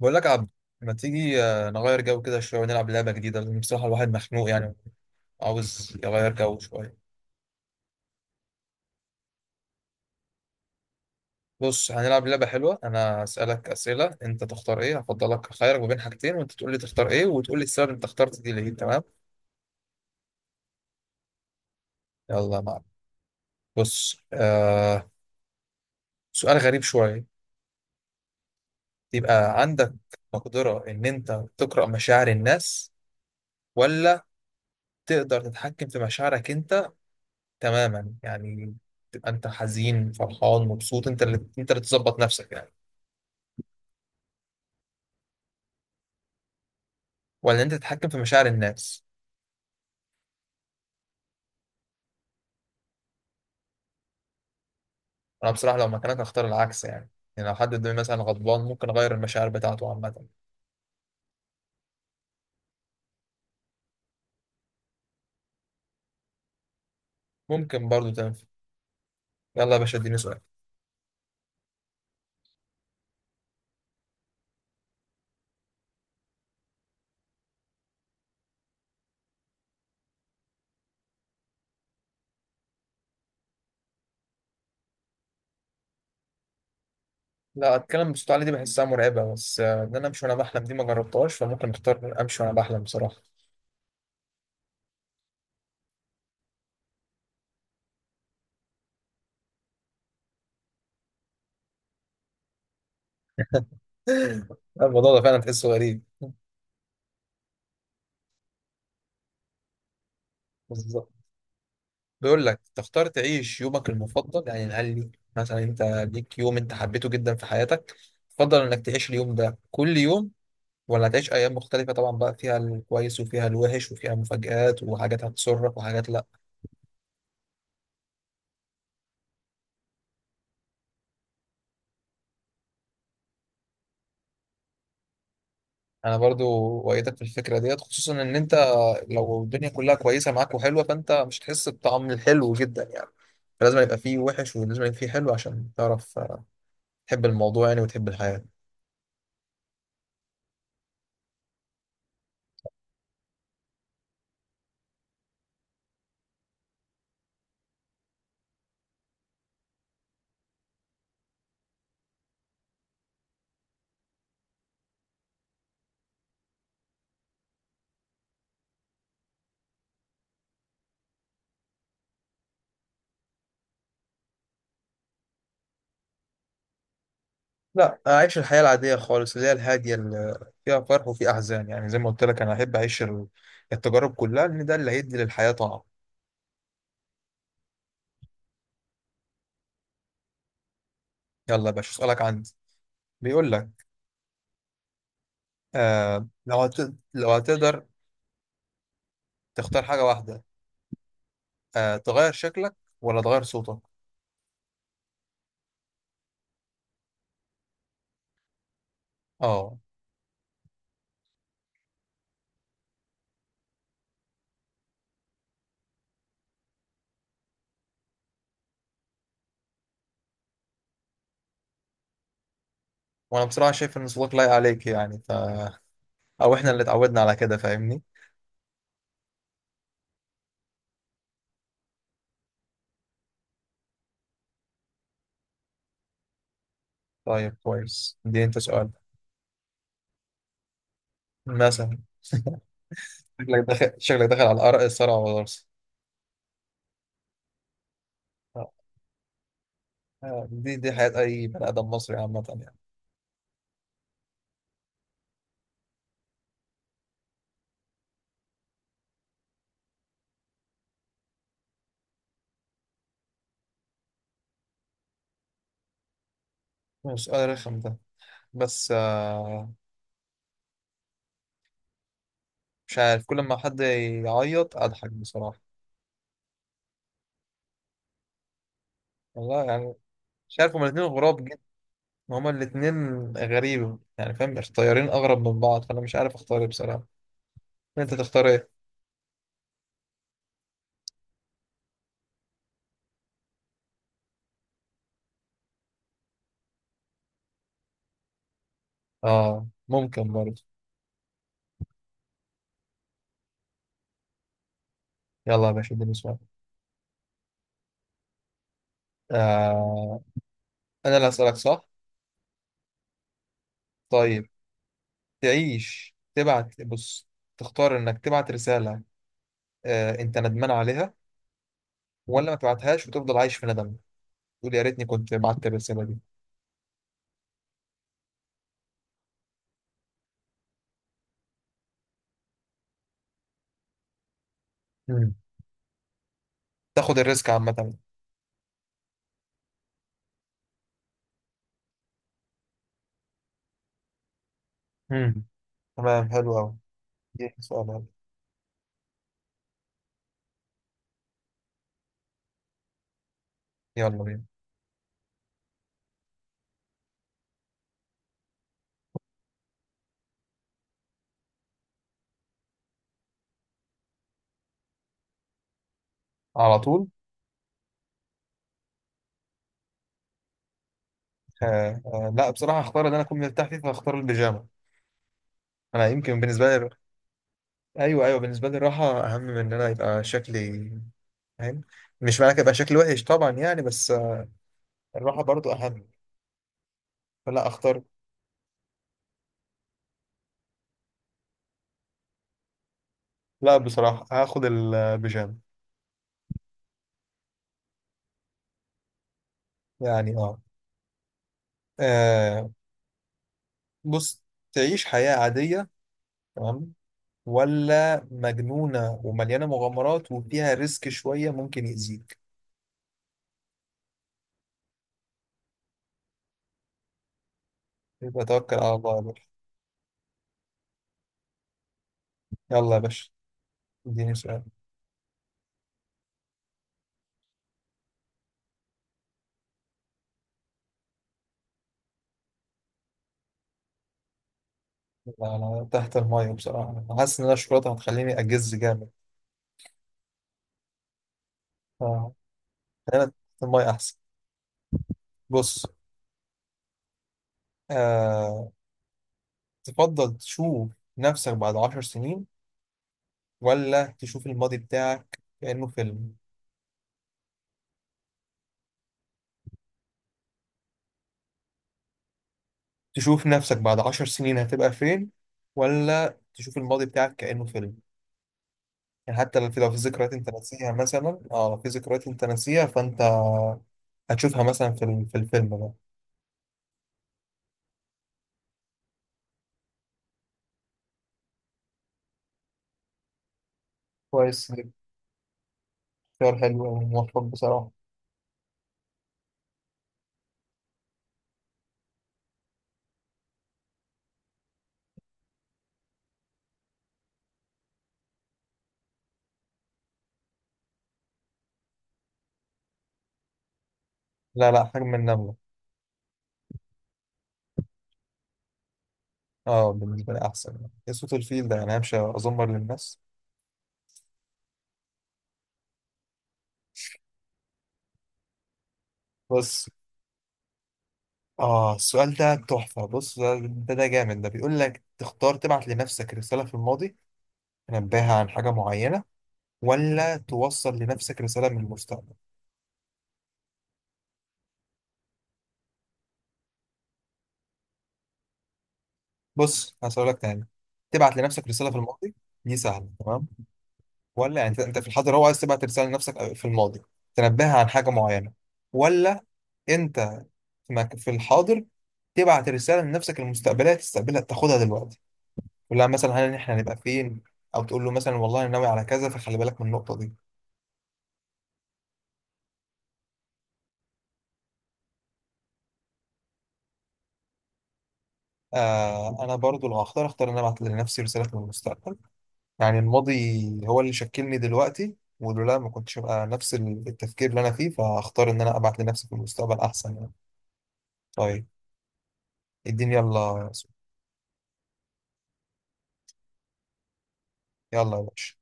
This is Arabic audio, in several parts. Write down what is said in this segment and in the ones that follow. بقول لك يا عبد، ما تيجي نغير جو كده شويه ونلعب لعبه جديده، لان بصراحه الواحد مخنوق يعني عاوز يغير جو شويه. بص، هنلعب لعبه حلوه. انا هسالك اسئله انت تختار ايه، هفضلك خيرك ما بين حاجتين وانت تقول لي تختار ايه وتقول لي السبب انت اخترت دي ليه. تمام؟ يلا يا معلم. بص، سؤال غريب شويه. يبقى عندك مقدره ان انت تقرا مشاعر الناس، ولا تقدر تتحكم في مشاعرك انت تماما يعني، تبقى انت حزين فرحان مبسوط انت اللي تظبط نفسك يعني، ولا انت تتحكم في مشاعر الناس؟ انا بصراحه لو مكانك هختار العكس يعني لو حد قدامي مثلا غضبان ممكن اغير المشاعر بتاعته عامه. ممكن برضو تنفع. يلا يا باشا، اديني سؤال. لا، اتكلم بصوت عالي دي بحسها مرعبه، بس ان انا امشي وانا بحلم دي ما جربتهاش، فممكن اختار امشي وانا بحلم بصراحه. الموضوع ده فعلا تحسه غريب. بالظبط. بيقول لك تختار تعيش يومك المفضل، يعني قال لي مثلا انت ليك يوم انت حبيته جدا في حياتك، تفضل انك تعيش اليوم ده كل يوم، ولا هتعيش ايام مختلفه طبعا بقى فيها الكويس وفيها الوحش وفيها مفاجآت وحاجات هتسرك وحاجات لا؟ انا برضو وايدك في الفكره ديت، خصوصا ان انت لو الدنيا كلها كويسه معاك وحلوه فانت مش هتحس بطعم الحلو جدا يعني. فلازم يبقى فيه وحش ولازم يبقى فيه حلو عشان تعرف تحب الموضوع يعني وتحب الحياه. لا، اعيش الحياه العاديه خالص اللي هي الهاديه اللي فيها فرح وفيها احزان يعني. زي ما قلت لك انا احب اعيش التجارب كلها لان ده اللي هيدي للحياه طعم. يلا يا باشا، اسالك عندي. بيقول لك، آه لو هت... لو هتقدر تختار حاجة واحدة، تغير شكلك ولا تغير صوتك؟ اه، وانا بصراحة شايف ان صوتك لايق عليك يعني، او احنا اللي اتعودنا على كده فاهمني. طيب كويس، دي انت سؤال. مثلا. شكلك داخل شكلك داخل على الأرق الصرع والغرس. آه. دي حياة أي بني آدم مصري عامة يعني. هو سؤال رخم ده، بس مش عارف. كل ما حد يعيط أضحك بصراحة. والله يعني مش عارف، هما الاتنين غراب. هما الاتنين غريبة يعني، فاهم، طيارين أغرب من بعض، فأنا مش عارف أختار إيه بصراحة. أنت تختار إيه؟ آه، ممكن برضه. يلا يا باشا، اديني سؤال. آه، أنا اللي هسألك صح؟ طيب، تعيش تبعت بص، تختار إنك تبعت رسالة أنت ندمان عليها، ولا ما تبعتهاش وتفضل عايش في ندم تقول يا ريتني كنت بعت الرسالة دي؟ مم. تاخد الريسك عامة. مم. تمام حلو أوي. إيه سؤال حلو. يلا بينا. على طول. لا، بصراحة هختار إن أنا أكون مرتاح فيه فهختار البيجامة. انا يمكن بالنسبه لي. ايوه، ايوه، بالنسبه لي الراحه اهم من ان انا يبقى شكلي، فاهم. مش معنى كده يبقى شكلي وحش طبعا يعني، بس الراحه برضو اهم. فلا اختار. لا، بصراحه هاخد البيجامه. يعني اه. آه، بص، تعيش حياه عاديه تمام، ولا مجنونه ومليانه مغامرات وفيها ريسك شويه ممكن يأذيك؟ يبقى توكل على الله يا باشا. يلا يا باشا، اديني سؤال. لا، انا تحت الميه بصراحه، انا حاسس ان انا الشرطه هتخليني اجز جامد. آه. خيانة. المية أحسن. بص، آه، تفضل تشوف نفسك بعد 10 سنين، ولا تشوف الماضي بتاعك كأنه فيلم؟ تشوف نفسك بعد عشر سنين هتبقى فين، ولا تشوف الماضي بتاعك كأنه فيلم؟ يعني حتى لو في ذكريات انت ناسيها مثلا، لو في ذكريات انت ناسيها فانت هتشوفها مثلا في الفيلم ده. كويس، اختيار حلو وموفق بصراحة. لا، لا، حجم النملة. اه، بالنسبة لي أحسن يعني. إيه صوت الفيل ده؟ يعني همشي أزمر للناس. بس، السؤال ده تحفة. بص، ده جامد ده، بيقول لك تختار تبعت لنفسك رسالة في الماضي تنبهها عن حاجة معينة، ولا توصل لنفسك رسالة من المستقبل؟ بص، هسألك تاني. تبعت لنفسك رسالة في الماضي دي سهلة تمام، ولا يعني أنت في الحاضر هو عايز تبعت رسالة لنفسك في الماضي تنبهها عن حاجة معينة، ولا أنت في الحاضر تبعت رسالة لنفسك المستقبلية تستقبلها تاخدها دلوقتي، تقول لها مثلا هل إحنا هنبقى فين، أو تقول له مثلا والله أنا ناوي على كذا فخلي بالك من النقطة دي؟ آه، انا برضو لو هختار اختار ان انا ابعت لنفسي رسالة من المستقبل. يعني الماضي هو اللي شكلني دلوقتي ولولا ما كنتش ابقى نفس التفكير اللي انا فيه، فاختار ان انا ابعت لنفسي في المستقبل احسن يعني. طيب، اديني يلا يا سو- يلا يا باشا.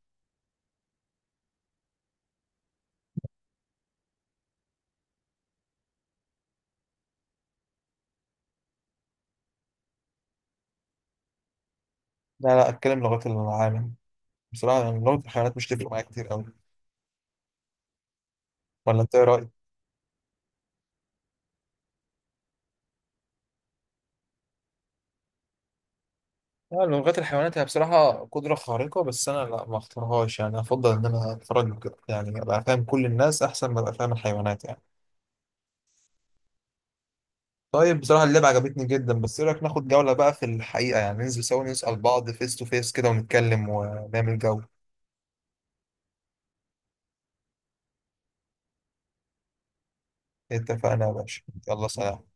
لا، لا، اتكلم لغات العالم. بصراحة يعني لغة الحيوانات مش تفرق معايا كتير قوي. ولا انت، ايه رأيك؟ لا، لغات الحيوانات هي بصراحة قدرة خارقة، بس أنا لا ما اختارهاش يعني. أفضل إن أنا أتفرج يعني أبقى فاهم كل الناس أحسن ما أبقى فاهم الحيوانات يعني. طيب، بصراحة اللعبة عجبتني جدا، بس ايه رأيك ناخد جولة بقى في الحقيقة يعني ننزل سوا نسأل بعض فيس تو فيس كده ونتكلم ونعمل جو؟ اتفقنا يا باشا، يلا سلام.